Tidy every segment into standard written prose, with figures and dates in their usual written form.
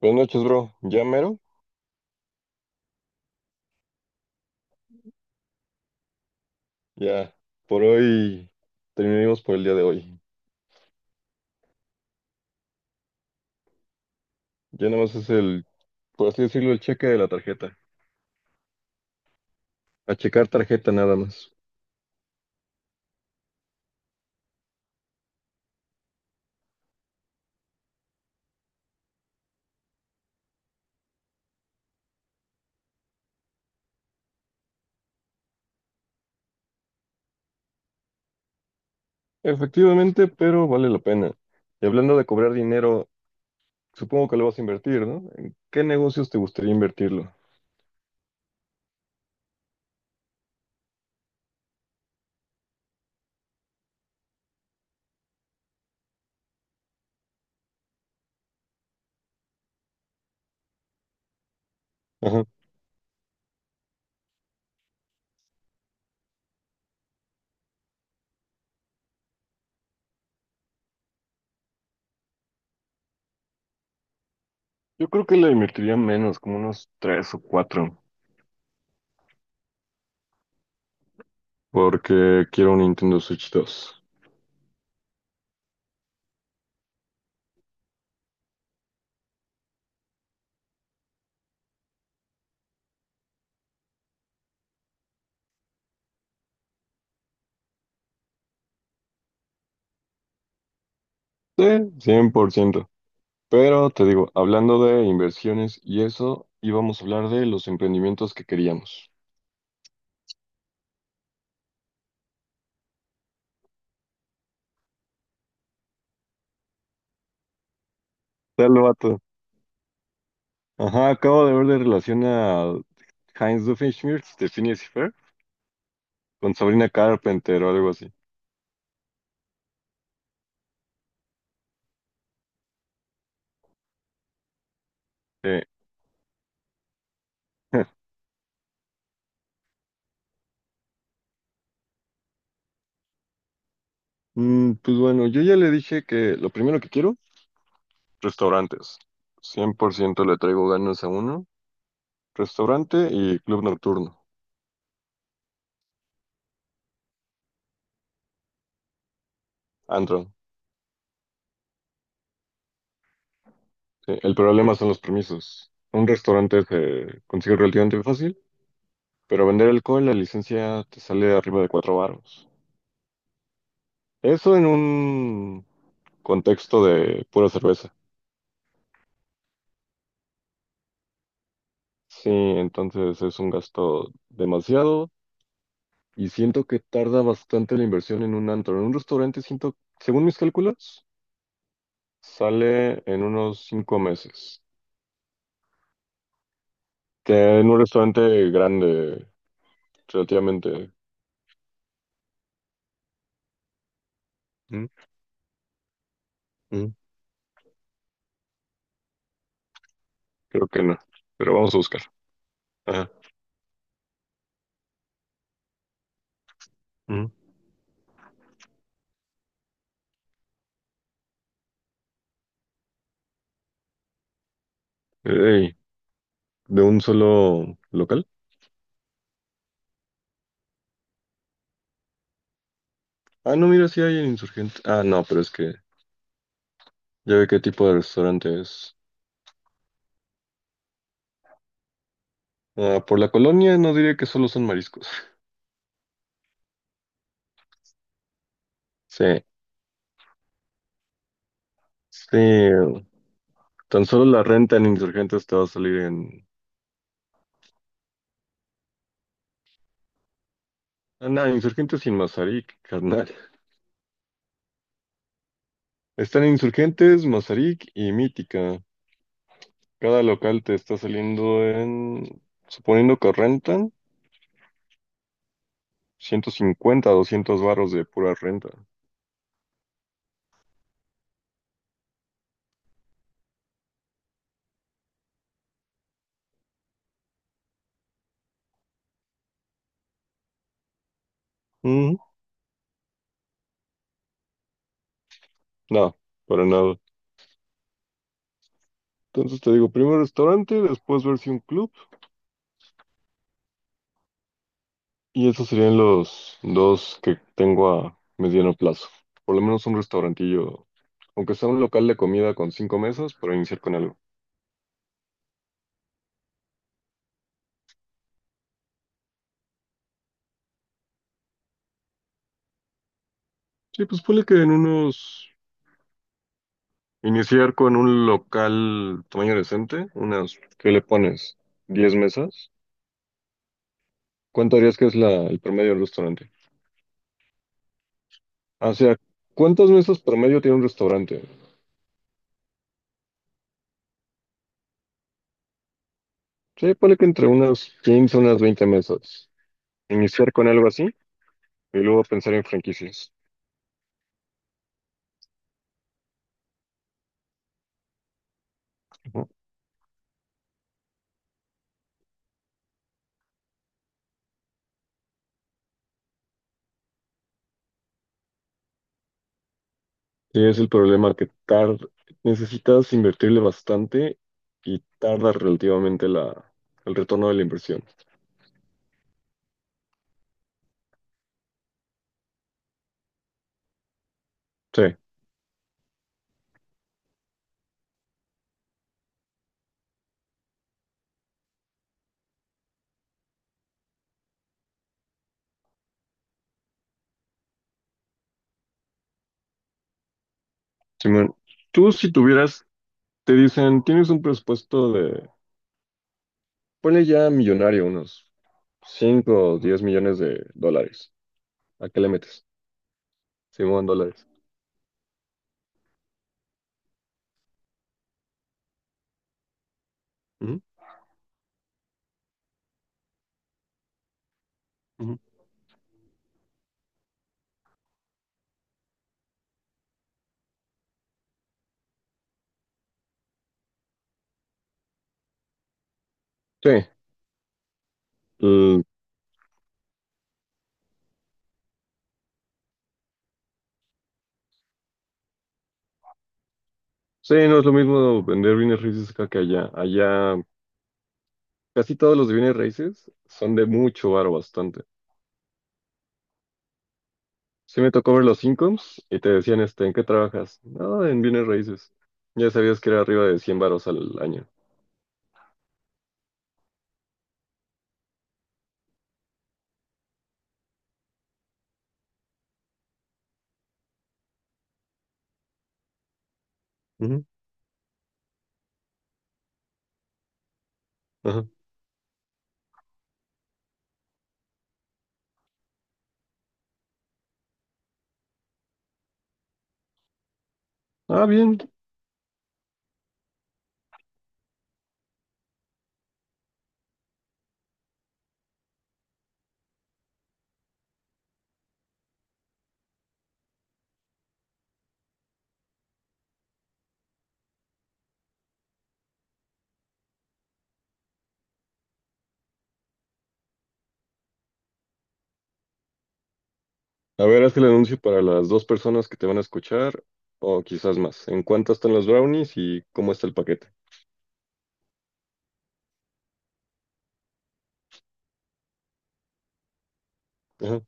Buenas noches, bro. ¿Ya mero? Ya. Por hoy terminamos por el día de hoy. Ya nada más es el, por así decirlo, el cheque de la tarjeta. A checar tarjeta nada más. Efectivamente, pero vale la pena. Y hablando de cobrar dinero, supongo que lo vas a invertir, ¿no? ¿En qué negocios te gustaría invertirlo? Ajá. Yo creo que le invertiría menos, como unos tres o cuatro, porque quiero un Nintendo Switch 2. Sí, 100%. Pero te digo, hablando de inversiones y eso, íbamos a hablar de los emprendimientos que queríamos. Tal vato. Ajá, acabo de ver de relación a Heinz Doofenshmirtz de Phineas y Ferb con Sabrina Carpenter o algo así. Eh, pues bueno, yo ya le dije que lo primero que quiero, restaurantes. 100% le traigo ganas a uno. Restaurante y club nocturno. Antro. Sí, el problema son los permisos. Un restaurante se consigue relativamente fácil. Pero vender alcohol, la licencia te sale arriba de cuatro varos. Eso en un contexto de pura cerveza. Sí, entonces es un gasto demasiado y siento que tarda bastante la inversión en un antro. En un restaurante siento, según mis cálculos, sale en unos cinco meses. Que en un restaurante grande, relativamente. ¿Mm? ¿Mm? Creo que no. Pero vamos a buscar. Ajá. ¿Mm? Ey, ¿de un solo local? Ah, no, mira, sí hay en insurgentes. Ah, no, pero es que ya ve qué tipo de restaurante es. Ah, por la colonia no diría que solo son mariscos. Sí, sí. Tan solo la renta en Insurgentes te va a salir en... Ah, no, Insurgentes y Mazarik, carnal. Están en Insurgentes, Mazarik y Mítica. Cada local te está saliendo en... Suponiendo que rentan, 150, 200 barros de pura renta. Mm, no, para nada. Entonces te digo, primero restaurante, después ver si un club. Y esos serían los dos que tengo a mediano plazo. Por lo menos un restaurantillo, aunque sea un local de comida con 5 mesas, para iniciar con algo. Sí, pues ponle que en unos... Iniciar con un local tamaño decente, unas... ¿Qué le pones? ¿10 mesas? ¿Cuánto harías que es el promedio del restaurante? O sea, ¿cuántas mesas promedio tiene un restaurante? Sí, ponle que entre unas 15, unas 20 mesas. Iniciar con algo así y luego pensar en franquicias. Sí, es el problema que tarda, necesitas invertirle bastante y tarda relativamente el retorno de la inversión. Sí, simón. Tú si tuvieras, te dicen, tienes un presupuesto de, ponle ya millonario, unos 5 o 10 millones de dólares. ¿A qué le metes? Simón, dólares. Ujú, ujú. Sí, l- sí, no es lo mismo vender bienes raíces acá que allá. Allá casi todos los bienes raíces son de mucho varo, bastante. Sí me tocó ver los incomes y te decían, este, ¿en qué trabajas? No, en bienes raíces. Ya sabías que era arriba de 100 varos al año. Ujú, ajá. Ah, bien. A ver, haz el anuncio para las dos personas que te van a escuchar, o quizás más. ¿En cuánto están los brownies y cómo está el paquete? Ajá.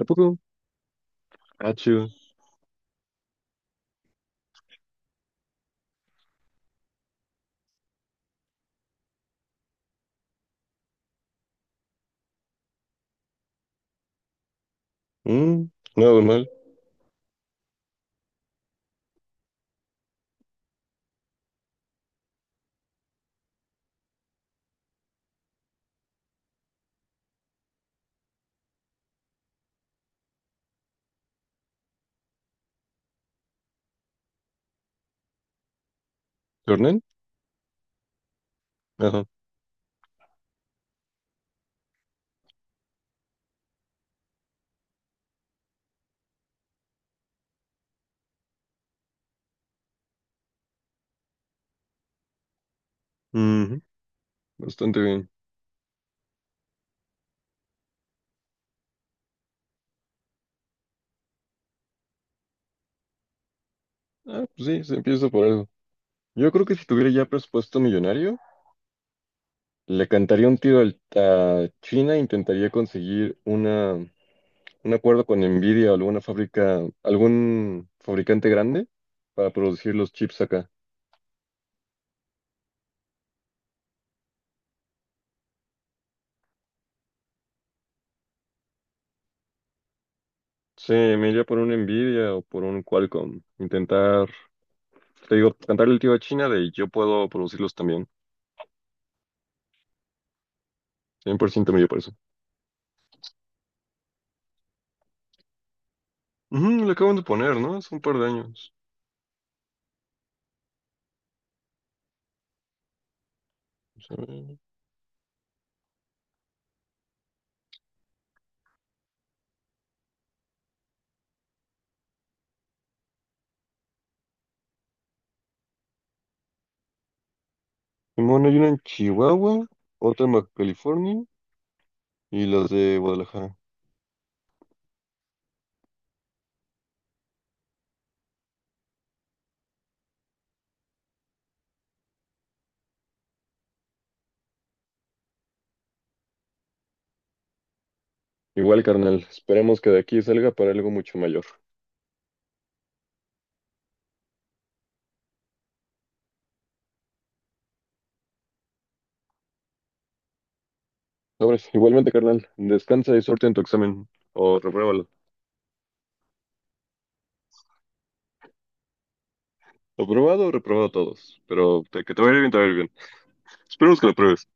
¿A poco? Ah, chido. Mm, nada mal. ¿Jornal? Ajá. Ujú, bastante bien. Ah, pues sí, se empieza por algo. Yo creo que si tuviera ya presupuesto millonario, le cantaría un tiro a China, intentaría conseguir una, un acuerdo con Nvidia o alguna fábrica, algún fabricante grande para producir los chips acá. Sí, me iría por un Nvidia o por un Qualcomm. Intentar, te digo, cantarle el tiro a China de yo puedo producirlos también. 100% me iría por eso. Ujú, le acaban de poner, ¿no? Hace un par de años. Vamos a ver. Simón, hay una en Chihuahua, otra en Baja California y las de Guadalajara. Igual, carnal, esperemos que de aquí salga para algo mucho mayor. Sobres. Igualmente, carnal, descansa y suerte en tu examen. O repruébalo. Aprobado o reprobado todos. Pero que te vaya bien, te vaya bien. Esperemos que lo pruebes.